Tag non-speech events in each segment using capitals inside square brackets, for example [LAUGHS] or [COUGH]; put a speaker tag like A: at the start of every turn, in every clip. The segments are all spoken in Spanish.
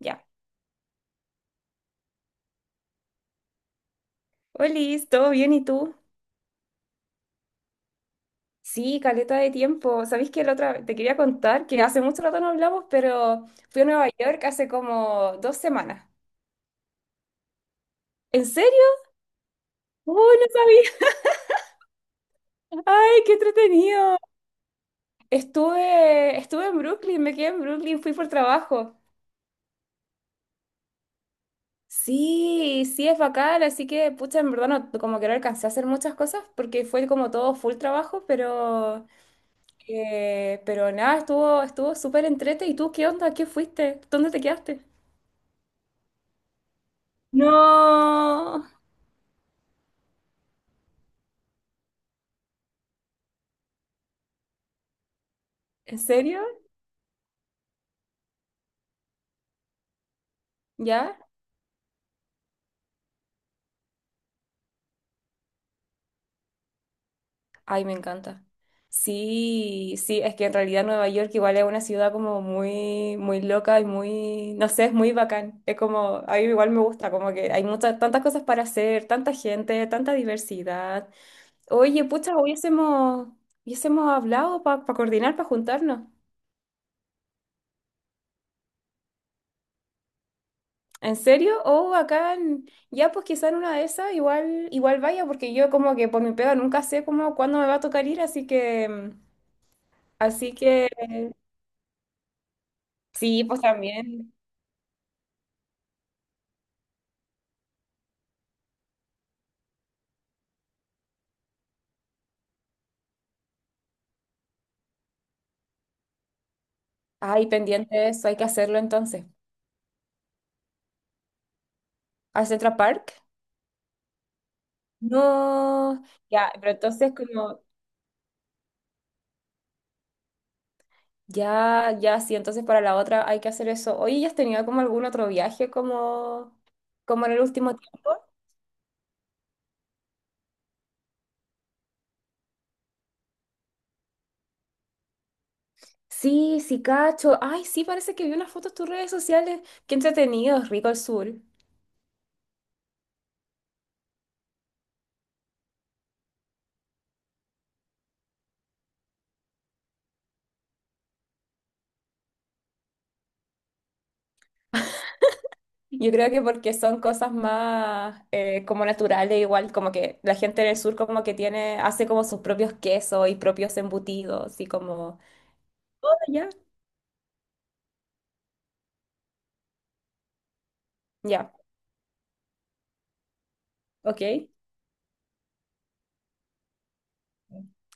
A: Ya. Olis, ¿todo bien y tú? Sí, caleta de tiempo. Sabéis que la otra te quería contar que hace mucho rato no hablamos, pero fui a Nueva York hace como 2 semanas. ¿En serio? ¡Uy, no sabía! [LAUGHS] ¡Ay, qué entretenido! Estuve en Brooklyn, me quedé en Brooklyn, fui por trabajo. Sí, sí, es bacán, así que, pucha, en verdad no, como que no alcancé a hacer muchas cosas porque fue como todo full trabajo, pero nada, estuvo súper entrete. ¿Y tú qué onda? ¿Qué fuiste? ¿Dónde te quedaste? No, ¿en serio? ¿Ya? Ay, me encanta. Sí, sí, es que en realidad Nueva York igual es una ciudad como muy, muy loca y muy, no sé, es muy bacán. Es como, a mí igual me gusta, como que hay muchas, tantas cosas para hacer, tanta gente, tanta diversidad. Oye, pucha, hubiésemos hablado para coordinar, para juntarnos. ¿En serio? Oh, acá en- ya pues quizá en una de esas igual, igual vaya, porque yo como que por mi pega nunca sé como cuándo me va a tocar ir, así que... Así que sí, pues también. Ay, pendiente de eso, hay que hacerlo entonces. ¿Al Central Park? No, ya, pero entonces como, ya, ya, sí, entonces para la otra hay que hacer eso. Oye, ¿ya has tenido como algún otro viaje como, como en el último tiempo? Sí, sí, cacho. Ay, sí, parece que vi unas fotos en tus redes sociales. Qué entretenido, rico el sur. Yo creo que porque son cosas más como naturales, igual como que la gente en el sur como que tiene, hace como sus propios quesos y propios embutidos y como, "Ah, ya, ya, ok,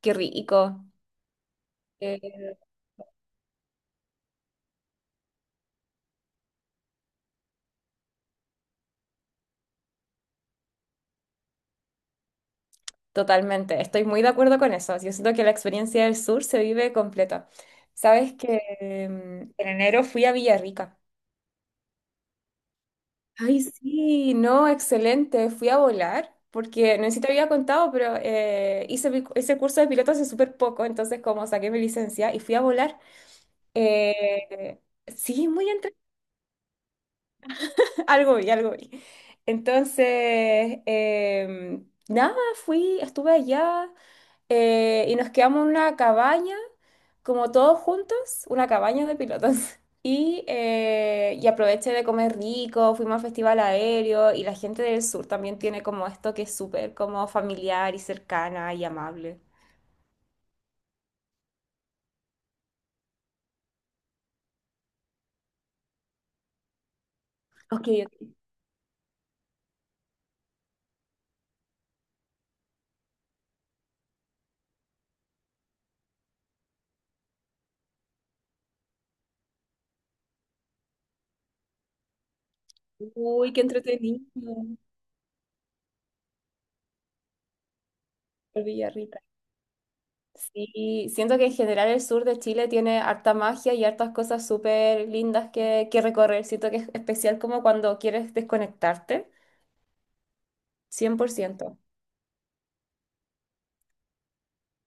A: qué rico. Eh, Totalmente, estoy muy de acuerdo con eso. Yo siento que la experiencia del sur se vive completa. Sabes que en enero fui a Villarrica. Ay, sí, no, excelente. Fui a volar porque no sé si te había contado, pero hice mi- ese curso de piloto hace súper poco, entonces como saqué mi licencia y fui a volar. eh, sí, muy entre... [LAUGHS] algo vi, algo vi. Entonces, nada, fui, estuve allá y nos quedamos en una cabaña, como todos juntos, una cabaña de pilotos. [LAUGHS] Y, y aproveché de comer rico, fuimos al festival aéreo y la gente del sur también tiene como esto que es súper como familiar y cercana y amable. Ok, ok. Uy, qué entretenido. El Villarrica. Sí, siento que en general el sur de Chile tiene harta magia y hartas cosas súper lindas que recorrer. Siento que es especial como cuando quieres desconectarte, 100%.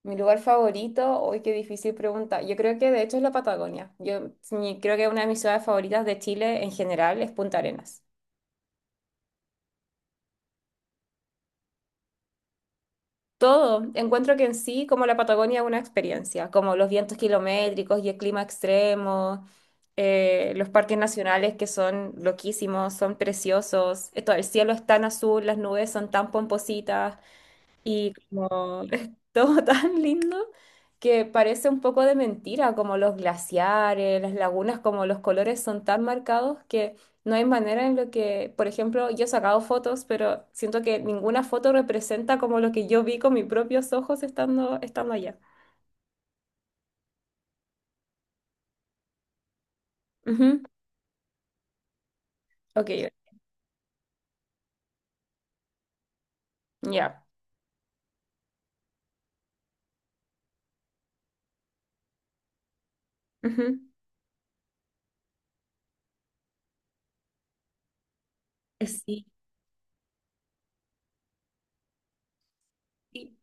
A: Mi lugar favorito, hoy qué difícil pregunta. Yo creo que de hecho es la Patagonia. Yo mi- creo que una de mis ciudades favoritas de Chile en general es Punta Arenas. Todo, encuentro que en sí, como la Patagonia, es una experiencia, como los vientos kilométricos y el clima extremo, los parques nacionales que son loquísimos, son preciosos, todo el cielo es tan azul, las nubes son tan pompositas. Y como [LAUGHS] es todo tan lindo que parece un poco de mentira, como los glaciares, las lagunas, como los colores son tan marcados que no hay manera en lo que, por ejemplo, yo he sacado fotos, pero siento que ninguna foto representa como lo que yo vi con mis propios ojos estando allá. Ujú. Ok, ya. Ujú. Sí. Sí.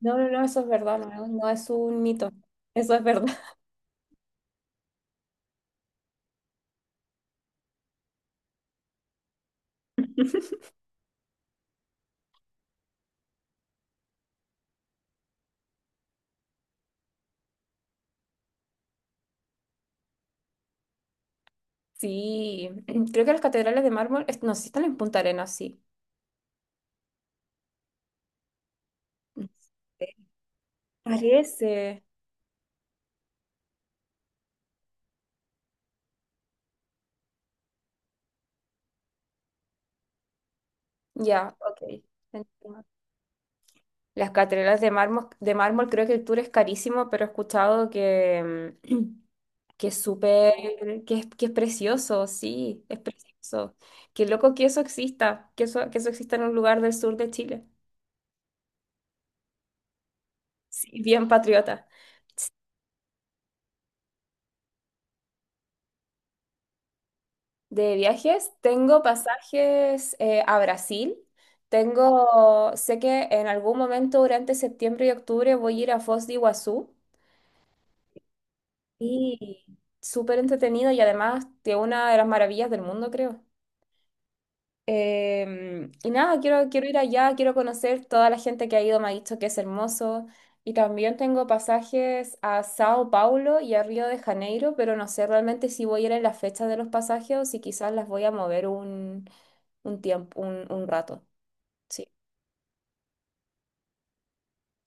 A: No, no, no, eso es verdad, no, no es un mito. Eso es verdad. [LAUGHS] Sí, creo que las catedrales de mármol, es- no, sí están en Punta Arenas, sí. Parece. Ya, ok. Entiendo. Las catedrales de mármol, creo que el tour es carísimo, pero he escuchado que, [CLEARS THROAT] que es súper, que es precioso, sí, es precioso. Qué loco que eso exista en un lugar del sur de Chile. Sí, bien patriota. De viajes, tengo pasajes a Brasil. Tengo, sé que en algún momento durante septiembre y octubre voy a ir a Foz de Iguazú. Y súper entretenido y además de una de las maravillas del mundo, creo. Y nada, quiero, quiero ir allá, quiero conocer toda la gente que ha ido, me ha dicho que es hermoso. Y también tengo pasajes a Sao Paulo y a Río de Janeiro, pero no sé realmente si voy a ir en las fechas de los pasajes o si quizás las voy a mover un tiempo, un rato. Sí.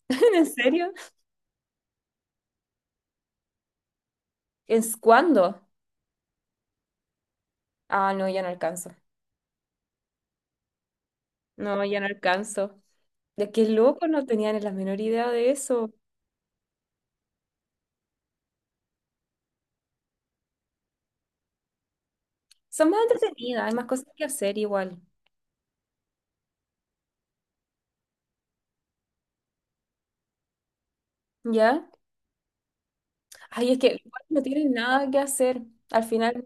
A: [LAUGHS] ¿En serio? ¿Es cuándo? Ah, no, ya no alcanzo. No, ya no alcanzo. De qué loco, no tenían la menor idea de eso. Son más entretenidas, hay más cosas que hacer igual, ¿ya? Ay, es que igual no tienen nada que hacer. Al final,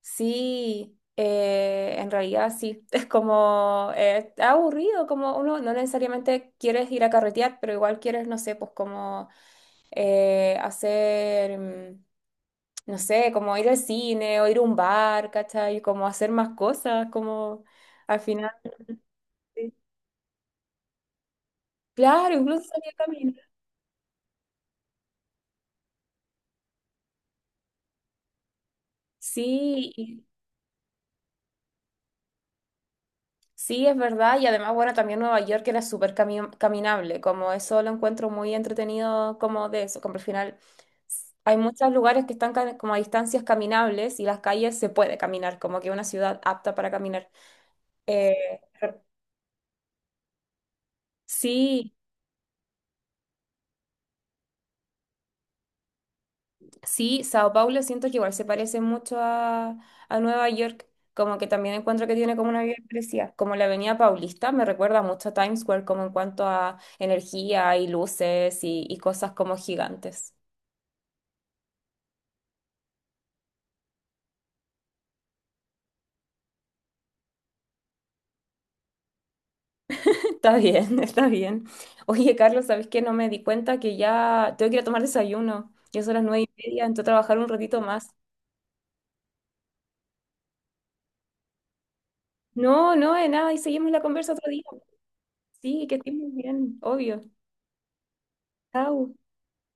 A: sí, en realidad sí. [LAUGHS] Es como, está aburrido, como uno no necesariamente quieres ir a carretear, pero igual quieres, no sé, pues como hacer, no sé, como ir al cine o ir a un bar, ¿cachai? Como hacer más cosas, como al final. Sí. Claro, incluso salir a caminar. Sí, sí, es verdad, y además, bueno, también Nueva York era súper cami- caminable, como eso lo encuentro muy entretenido, como de eso, como al final s- hay muchos lugares que están ca- como a distancias caminables y las calles se puede caminar, como que una ciudad apta para caminar. Eh, sí, sí, Sao Paulo siento que igual se parece mucho a Nueva York, como que también encuentro que tiene como una vida parecida, como la Avenida Paulista me recuerda mucho a Times Square, como en cuanto a energía y luces y cosas como gigantes. Está bien, [LAUGHS] está bien. Oye, Carlos, ¿sabes qué? No me di cuenta que ya tengo que ir a tomar desayuno. Ya son las 9:30, entonces trabajar un ratito más. No, no, de nada, y seguimos la conversa otro día. Sí, que estés muy bien, obvio. Chao.